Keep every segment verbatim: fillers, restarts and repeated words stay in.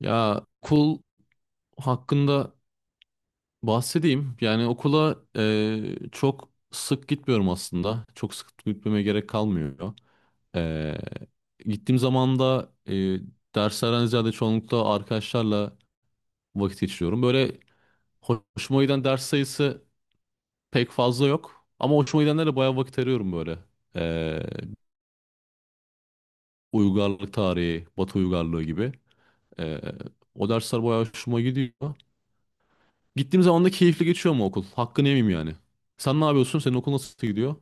Ya okul hakkında bahsedeyim. Yani okula e, çok sık gitmiyorum aslında. Çok sık gitmeme gerek kalmıyor. E, Gittiğim zaman da e, derslerden ziyade çoğunlukla arkadaşlarla vakit geçiriyorum. Böyle hoşuma giden ders sayısı pek fazla yok. Ama hoşuma gidenlerle bayağı vakit arıyorum böyle. E, Uygarlık tarihi, Batı uygarlığı gibi. E, O dersler bayağı hoşuma gidiyor. Gittiğim zaman da keyifli geçiyor mu okul? Hakkını yemeyeyim yani. Sen ne yapıyorsun? Senin okul nasıl gidiyor?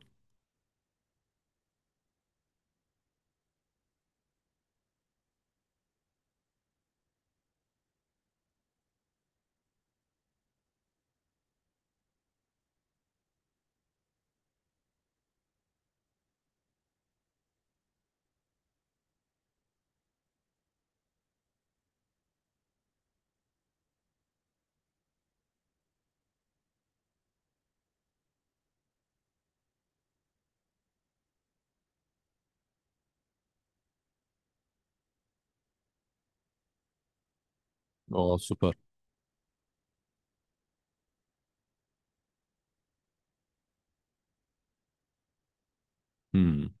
Aa süper. Hmm.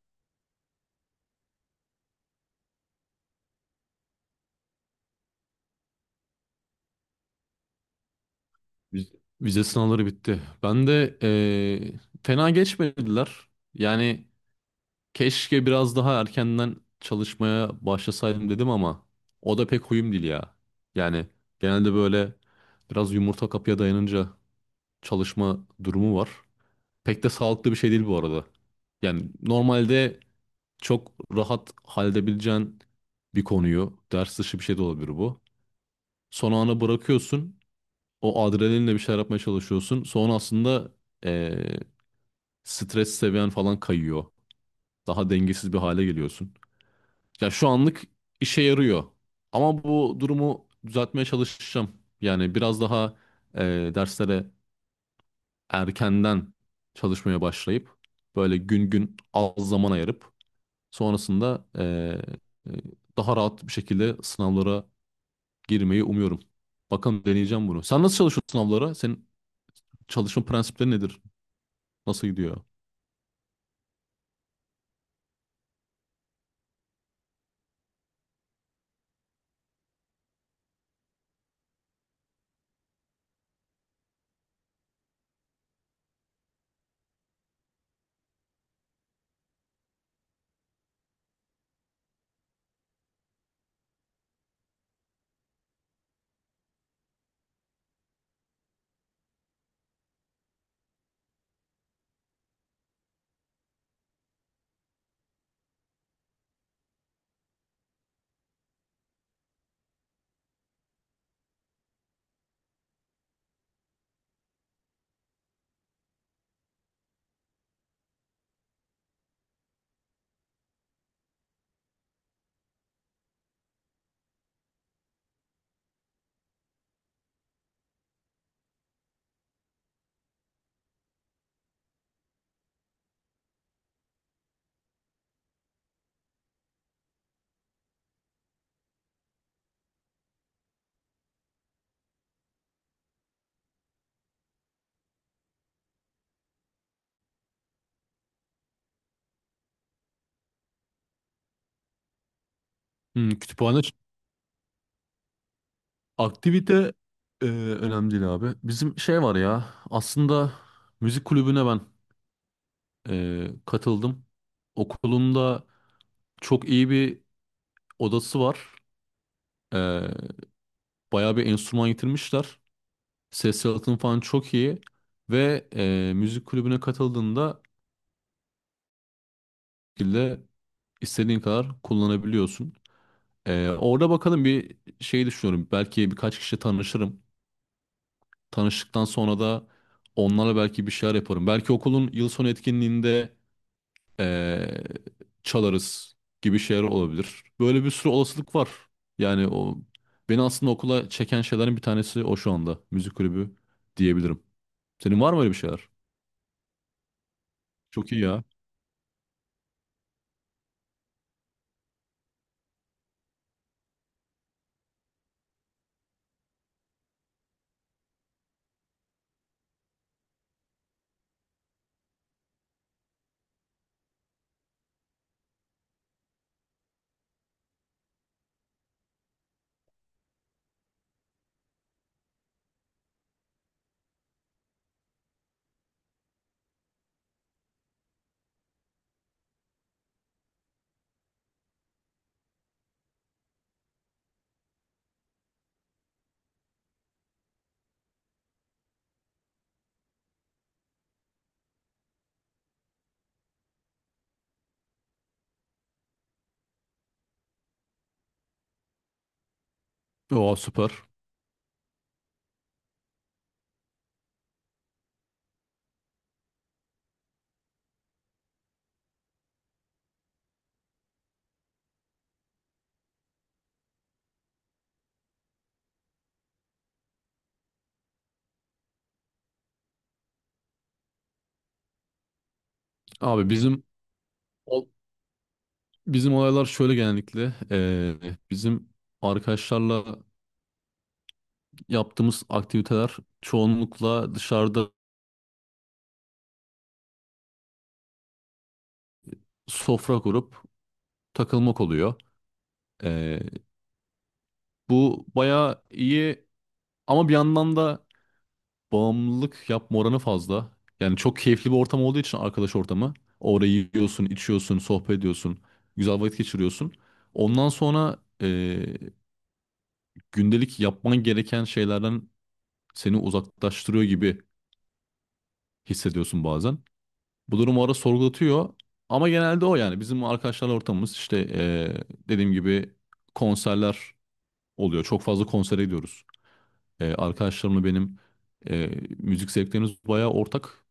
Viz- Vize sınavları bitti. Ben de eee, fena geçmediler. Yani keşke biraz daha erkenden çalışmaya başlasaydım dedim ama o da pek huyum değil ya. Yani genelde böyle biraz yumurta kapıya dayanınca çalışma durumu var. Pek de sağlıklı bir şey değil bu arada. Yani normalde çok rahat halledebileceğin bir konuyu, ders dışı bir şey de olabilir bu. Son ana bırakıyorsun, o adrenalinle bir şeyler yapmaya çalışıyorsun. Sonra aslında eee, stres seviyen falan kayıyor. Daha dengesiz bir hale geliyorsun. Ya şu anlık işe yarıyor. Ama bu durumu düzeltmeye çalışacağım. Yani biraz daha eee, derslere erkenden çalışmaya başlayıp böyle gün gün az zaman ayırıp sonrasında eee, daha rahat bir şekilde sınavlara girmeyi umuyorum. Bakalım deneyeceğim bunu. Sen nasıl çalışıyorsun sınavlara? Senin çalışma prensipleri nedir? Nasıl gidiyor? Hmm, kütüphane ç- aktivite eee, önemli değil abi. Bizim şey var ya aslında müzik kulübüne ben eee, katıldım. Okulunda çok iyi bir odası var. Eee Bayağı bir enstrüman getirmişler. Ses yalıtım falan çok iyi. Ve eee, müzik kulübüne katıldığında İstediğin kadar kullanabiliyorsun. Ee, orada bakalım bir şey düşünüyorum. Belki birkaç kişi tanışırım. Tanıştıktan sonra da onlarla belki bir şeyler yaparım. Belki okulun yıl sonu etkinliğinde ee, çalarız gibi şeyler olabilir. Böyle bir sürü olasılık var. Yani o beni aslında okula çeken şeylerin bir tanesi o şu anda. Müzik kulübü diyebilirim. Senin var mı öyle bir şeyler? Çok iyi ya. Oo süper. Abi bizim Bizim olaylar şöyle genellikle eee, bizim arkadaşlarla yaptığımız aktiviteler çoğunlukla dışarıda sofra kurup takılmak oluyor. Eee, Bu bayağı iyi ama bir yandan da bağımlılık yapma oranı fazla. Yani çok keyifli bir ortam olduğu için arkadaş ortamı. Orayı yiyorsun, içiyorsun, sohbet ediyorsun, güzel vakit geçiriyorsun. Ondan sonra eee, gündelik yapman gereken şeylerden seni uzaklaştırıyor gibi hissediyorsun bazen. Bu durum o ara sorgulatıyor. Ama genelde o yani bizim arkadaşlarla ortamımız işte eee, dediğim gibi konserler oluyor. Çok fazla konsere gidiyoruz. Eee arkadaşlarımla benim eee, müzik zevklerimiz bayağı ortak.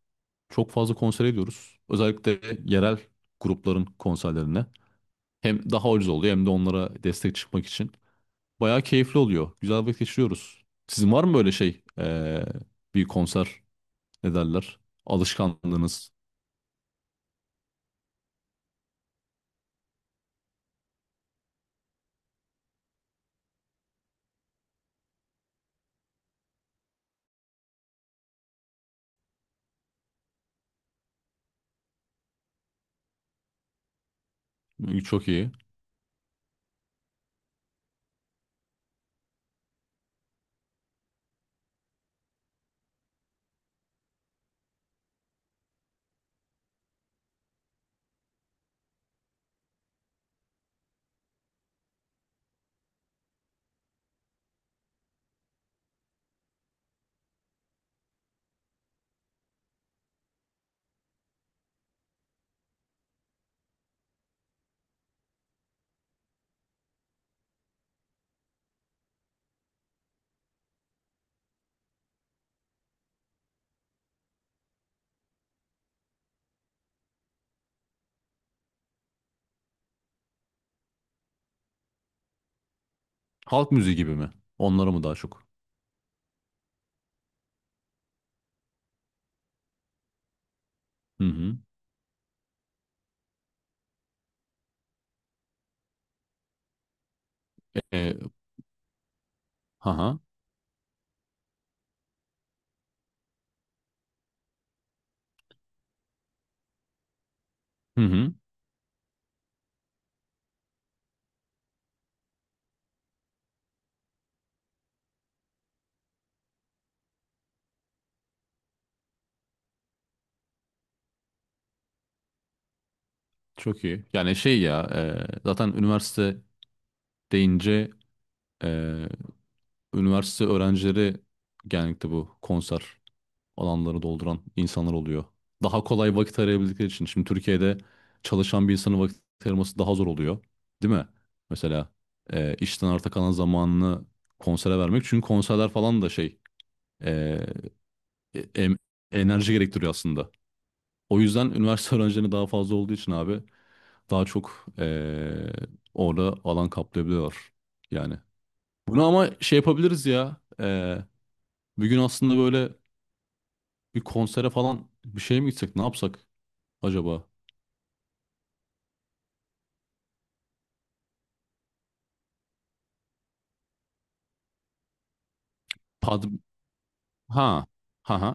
Çok fazla konsere gidiyoruz. Özellikle yerel grupların konserlerine. Hem daha ucuz oluyor hem de onlara destek çıkmak için. Bayağı keyifli oluyor. Güzel vakit geçiriyoruz. Sizin var mı böyle şey eee, bir konser ne derler? Alışkanlığınız. Çok iyi. Halk müziği gibi mi? Onlara mı daha çok? Hı hı. E, haha. Hı hı. Çok iyi. Yani şey ya, e, zaten üniversite deyince e, üniversite öğrencileri genellikle bu konser alanları dolduran insanlar oluyor. Daha kolay vakit arayabildikleri için. Şimdi Türkiye'de çalışan bir insanın vakit ayırması daha zor oluyor. Değil mi? Mesela e, işten arta kalan zamanını konsere vermek. Çünkü konserler falan da şey e, e, em- enerji gerektiriyor aslında. O yüzden üniversite öğrencilerine daha fazla olduğu için abi daha çok eee, orada alan kaplayabiliyorlar. Yani bunu ama şey yapabiliriz ya. Eee bir gün aslında böyle bir konsere falan bir şeye mi gitsek ne yapsak acaba? Pad ha ha ha.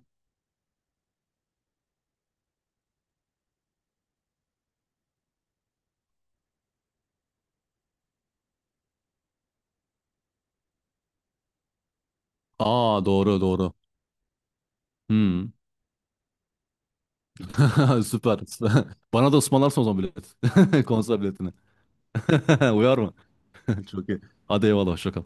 Aa doğru doğru. Hmm. Süper. Bana da ısmarlarsın o zaman bilet. Konser biletini. Uyar mı? Çok iyi. Hadi eyvallah hoşça kal.